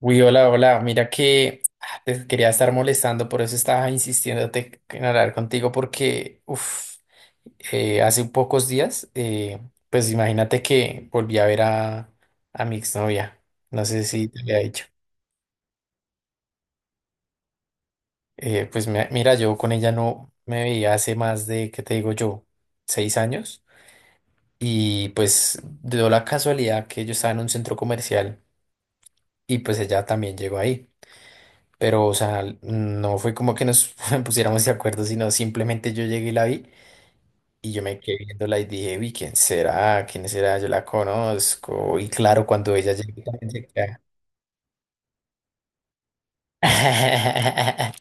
Uy, hola, hola. Mira que te quería estar molestando, por eso estaba insistiéndote en hablar contigo, porque uf, hace pocos días, pues imagínate que volví a ver a mi exnovia. No sé si te había dicho. Pues mira, yo con ella no me veía hace más de, ¿qué te digo yo? 6 años. Y pues dio la casualidad que yo estaba en un centro comercial y pues ella también llegó ahí. Pero, o sea, no fue como que nos pusiéramos de acuerdo, sino simplemente yo llegué y la vi y yo me quedé viéndola y dije, uy, ¿quién será? ¿Quién será? Yo la conozco. Y claro, cuando ella llegó también se queda.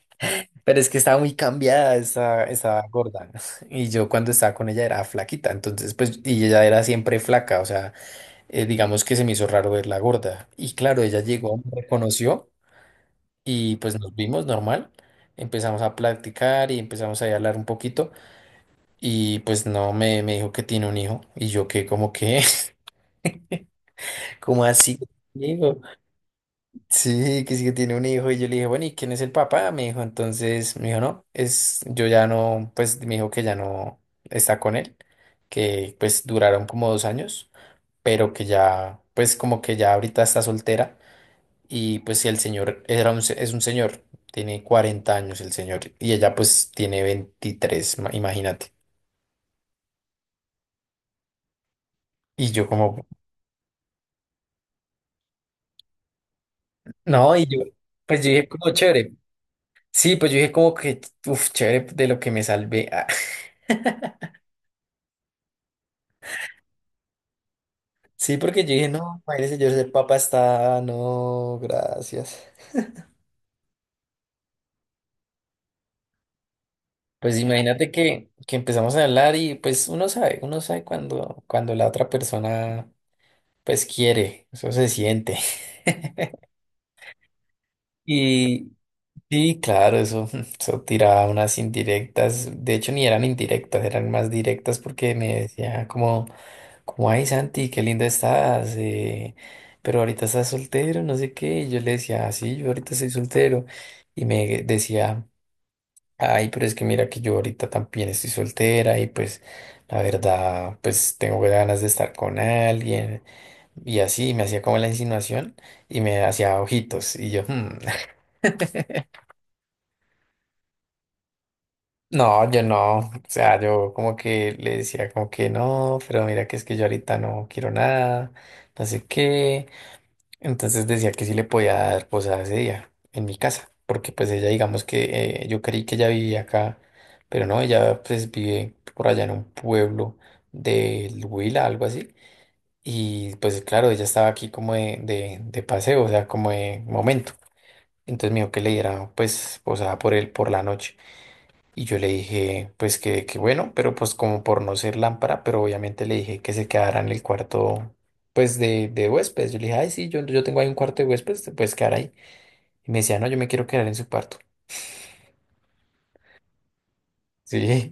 Pero es que estaba muy cambiada, estaba gorda. Y yo cuando estaba con ella era flaquita, entonces pues, y ella era siempre flaca, o sea, digamos que se me hizo raro verla gorda. Y claro, ella llegó, me reconoció. Y pues nos vimos normal, empezamos a platicar y empezamos ahí a hablar un poquito y pues no, me dijo que tiene un hijo y yo que como que, ¿como así? ¿Hijo? Sí que tiene un hijo y yo le dije, bueno, ¿y quién es el papá? Me dijo, entonces, me dijo, no, es, yo ya no, pues me dijo que ya no está con él, que pues duraron como 2 años, pero que ya, pues como que ya ahorita está soltera. Y pues si el señor era un, es un señor, tiene 40 años el señor y ella pues tiene 23 imagínate. Y yo como, no, y yo, pues yo dije como chévere. Sí, pues yo dije como que, uff, chévere de lo que me salvé. Ah. Sí, porque yo dije, no, madre señor, ese papa está, no, gracias. Pues imagínate que empezamos a hablar y pues uno sabe cuando la otra persona pues quiere, eso se siente. y Sí, claro, eso, eso tiraba unas indirectas, de hecho ni eran indirectas, eran más directas porque me decía como, ay Santi, qué linda estás, pero ahorita estás soltero, no sé qué, y yo le decía, "Ah, sí, yo ahorita estoy soltero, y me decía, ay, pero es que mira que yo ahorita también estoy soltera, y pues la verdad, pues tengo ganas de estar con alguien, y así, me hacía como la insinuación, y me hacía ojitos, y yo, "Hmm". No, yo no, o sea, yo como que le decía como que no, pero mira que es que yo ahorita no quiero nada, no sé qué. Entonces decía que sí le podía dar posada ese día en mi casa, porque pues ella digamos que yo creí que ella vivía acá, pero no, ella pues vive por allá en un pueblo del Huila, algo así. Y pues claro, ella estaba aquí como de paseo, o sea, como de momento. Entonces me dijo que le diera pues posada por él por la noche. Y yo le dije, pues que bueno, pero pues como por no ser lámpara, pero obviamente le dije que se quedara en el cuarto, pues de huéspedes. Yo le dije, ay, sí, yo tengo ahí un cuarto de huéspedes, te puedes quedar ahí. Y me decía, no, yo me quiero quedar en su cuarto. Sí,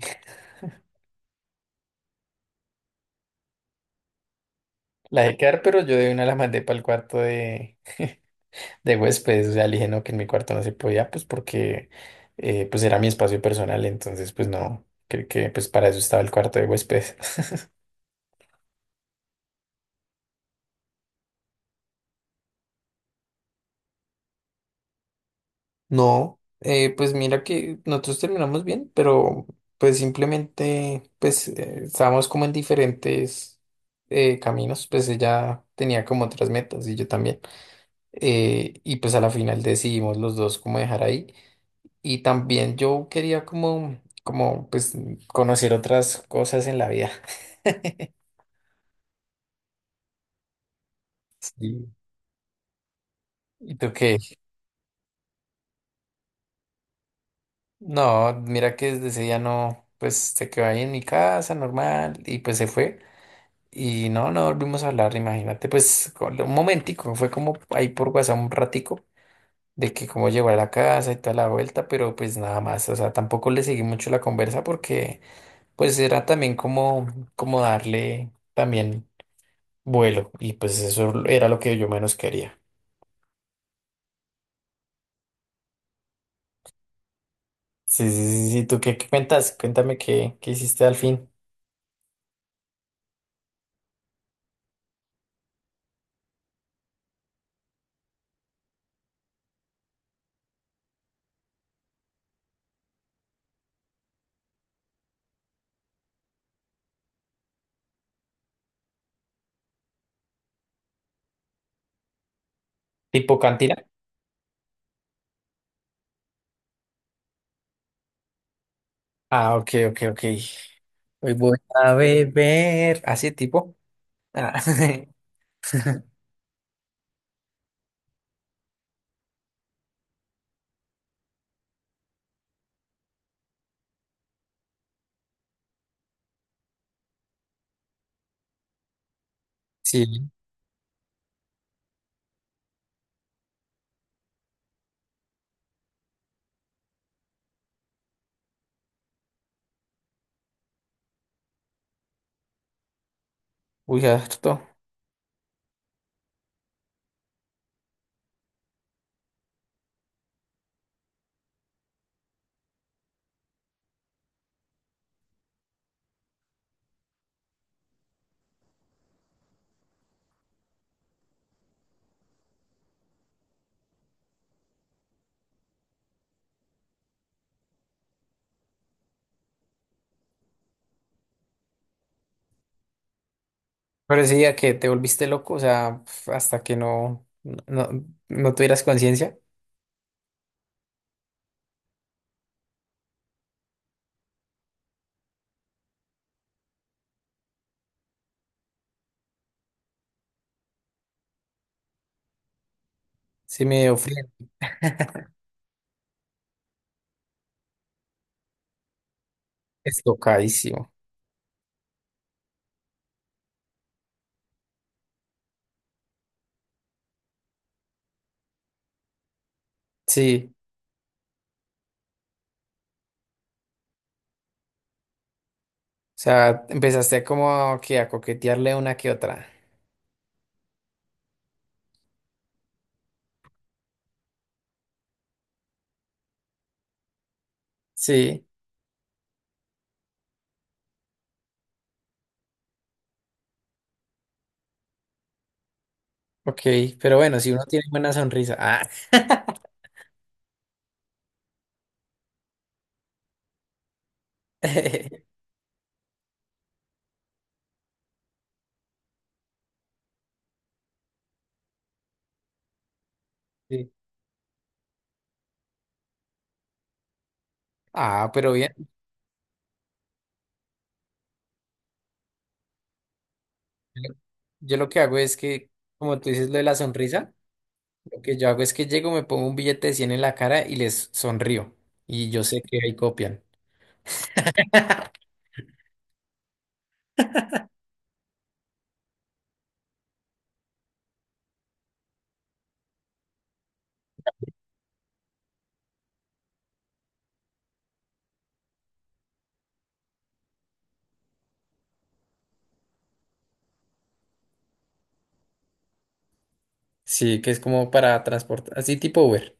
la dejé quedar, pero yo de una la mandé para el cuarto de huéspedes. O sea, le dije, no, que en mi cuarto no se podía, pues porque pues era mi espacio personal, entonces pues no, creo que pues para eso estaba el cuarto de huéspedes. No, pues mira que nosotros terminamos bien, pero pues simplemente pues estábamos como en diferentes caminos, pues ella tenía como otras metas y yo también. Y pues a la final decidimos los dos como dejar ahí. Y también yo quería como pues conocer otras cosas en la vida. Sí. ¿Y tú qué? No, mira que desde ese día no, pues se quedó ahí en mi casa normal y pues se fue. Y no, no volvimos a hablar, imagínate, pues un momentico, fue como ahí por WhatsApp un ratico de que cómo llegó a la casa y toda la vuelta, pero pues nada más, o sea, tampoco le seguí mucho la conversa porque pues era también como, darle también vuelo y pues eso era lo que yo menos quería. Sí, sí, sí, sí, ¿tú qué cuentas? Cuéntame qué hiciste al fin. ¿Tipo cantina? Ah, ok, ok, ok. Hoy voy a beber. ¿Así tipo? Ah, sí, uy, harto. Pero sí, a que te volviste loco, o sea, pf, hasta que no, no, no tuvieras conciencia, sí me ofrece. Es tocadísimo. Sí, o sea, empezaste como que a coquetearle una que otra. Sí, ok, pero bueno, si uno tiene buena sonrisa. Ah, Sí. Ah, pero bien. Yo lo que hago es que, como tú dices lo de la sonrisa, lo que yo hago es que llego, me pongo un billete de 100 en la cara y les sonrío. Y yo sé que ahí copian. Sí, que es como para transportar, así tipo Uber.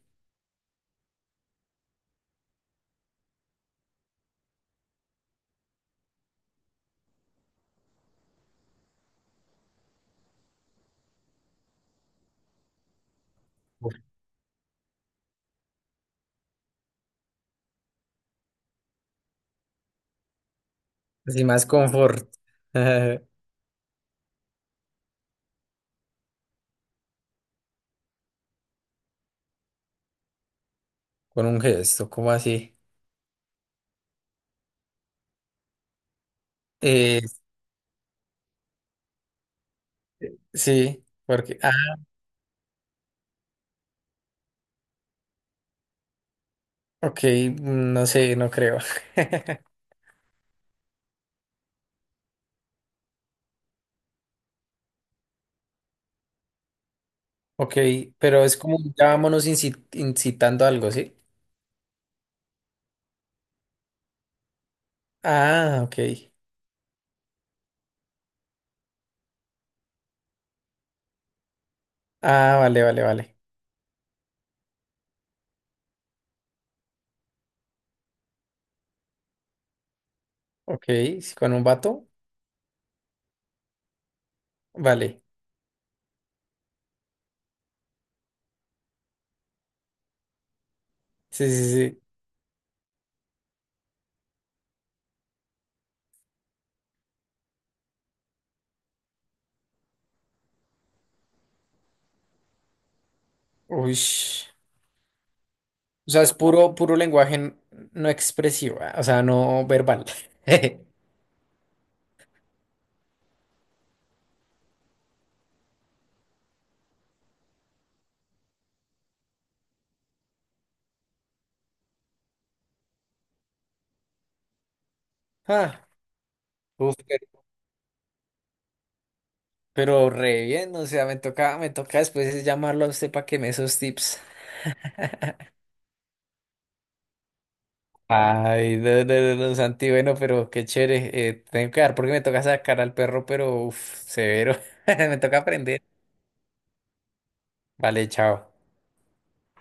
Uf, así más confort. Con un gesto, ¿cómo así? Eh, sí, porque, ah, ok, no sé, no creo. Ok, pero es como ya vámonos incitando algo, ¿sí? Ah, ok. Ah, vale, vale, vale. Ok, sí, con un vato, vale. Sí, sí, sí. Uy. O sea, es puro, puro lenguaje no expresivo, ah, o sea, no verbal. Ah, uf, pero re bien, o sea, me toca después llamarlo a usted para que me dé esos tips. Ay, no, no, no, no, Santi, bueno, pero qué chévere. Tengo que dar porque me toca sacar al perro, pero uff, severo. Me toca aprender. Vale, chao.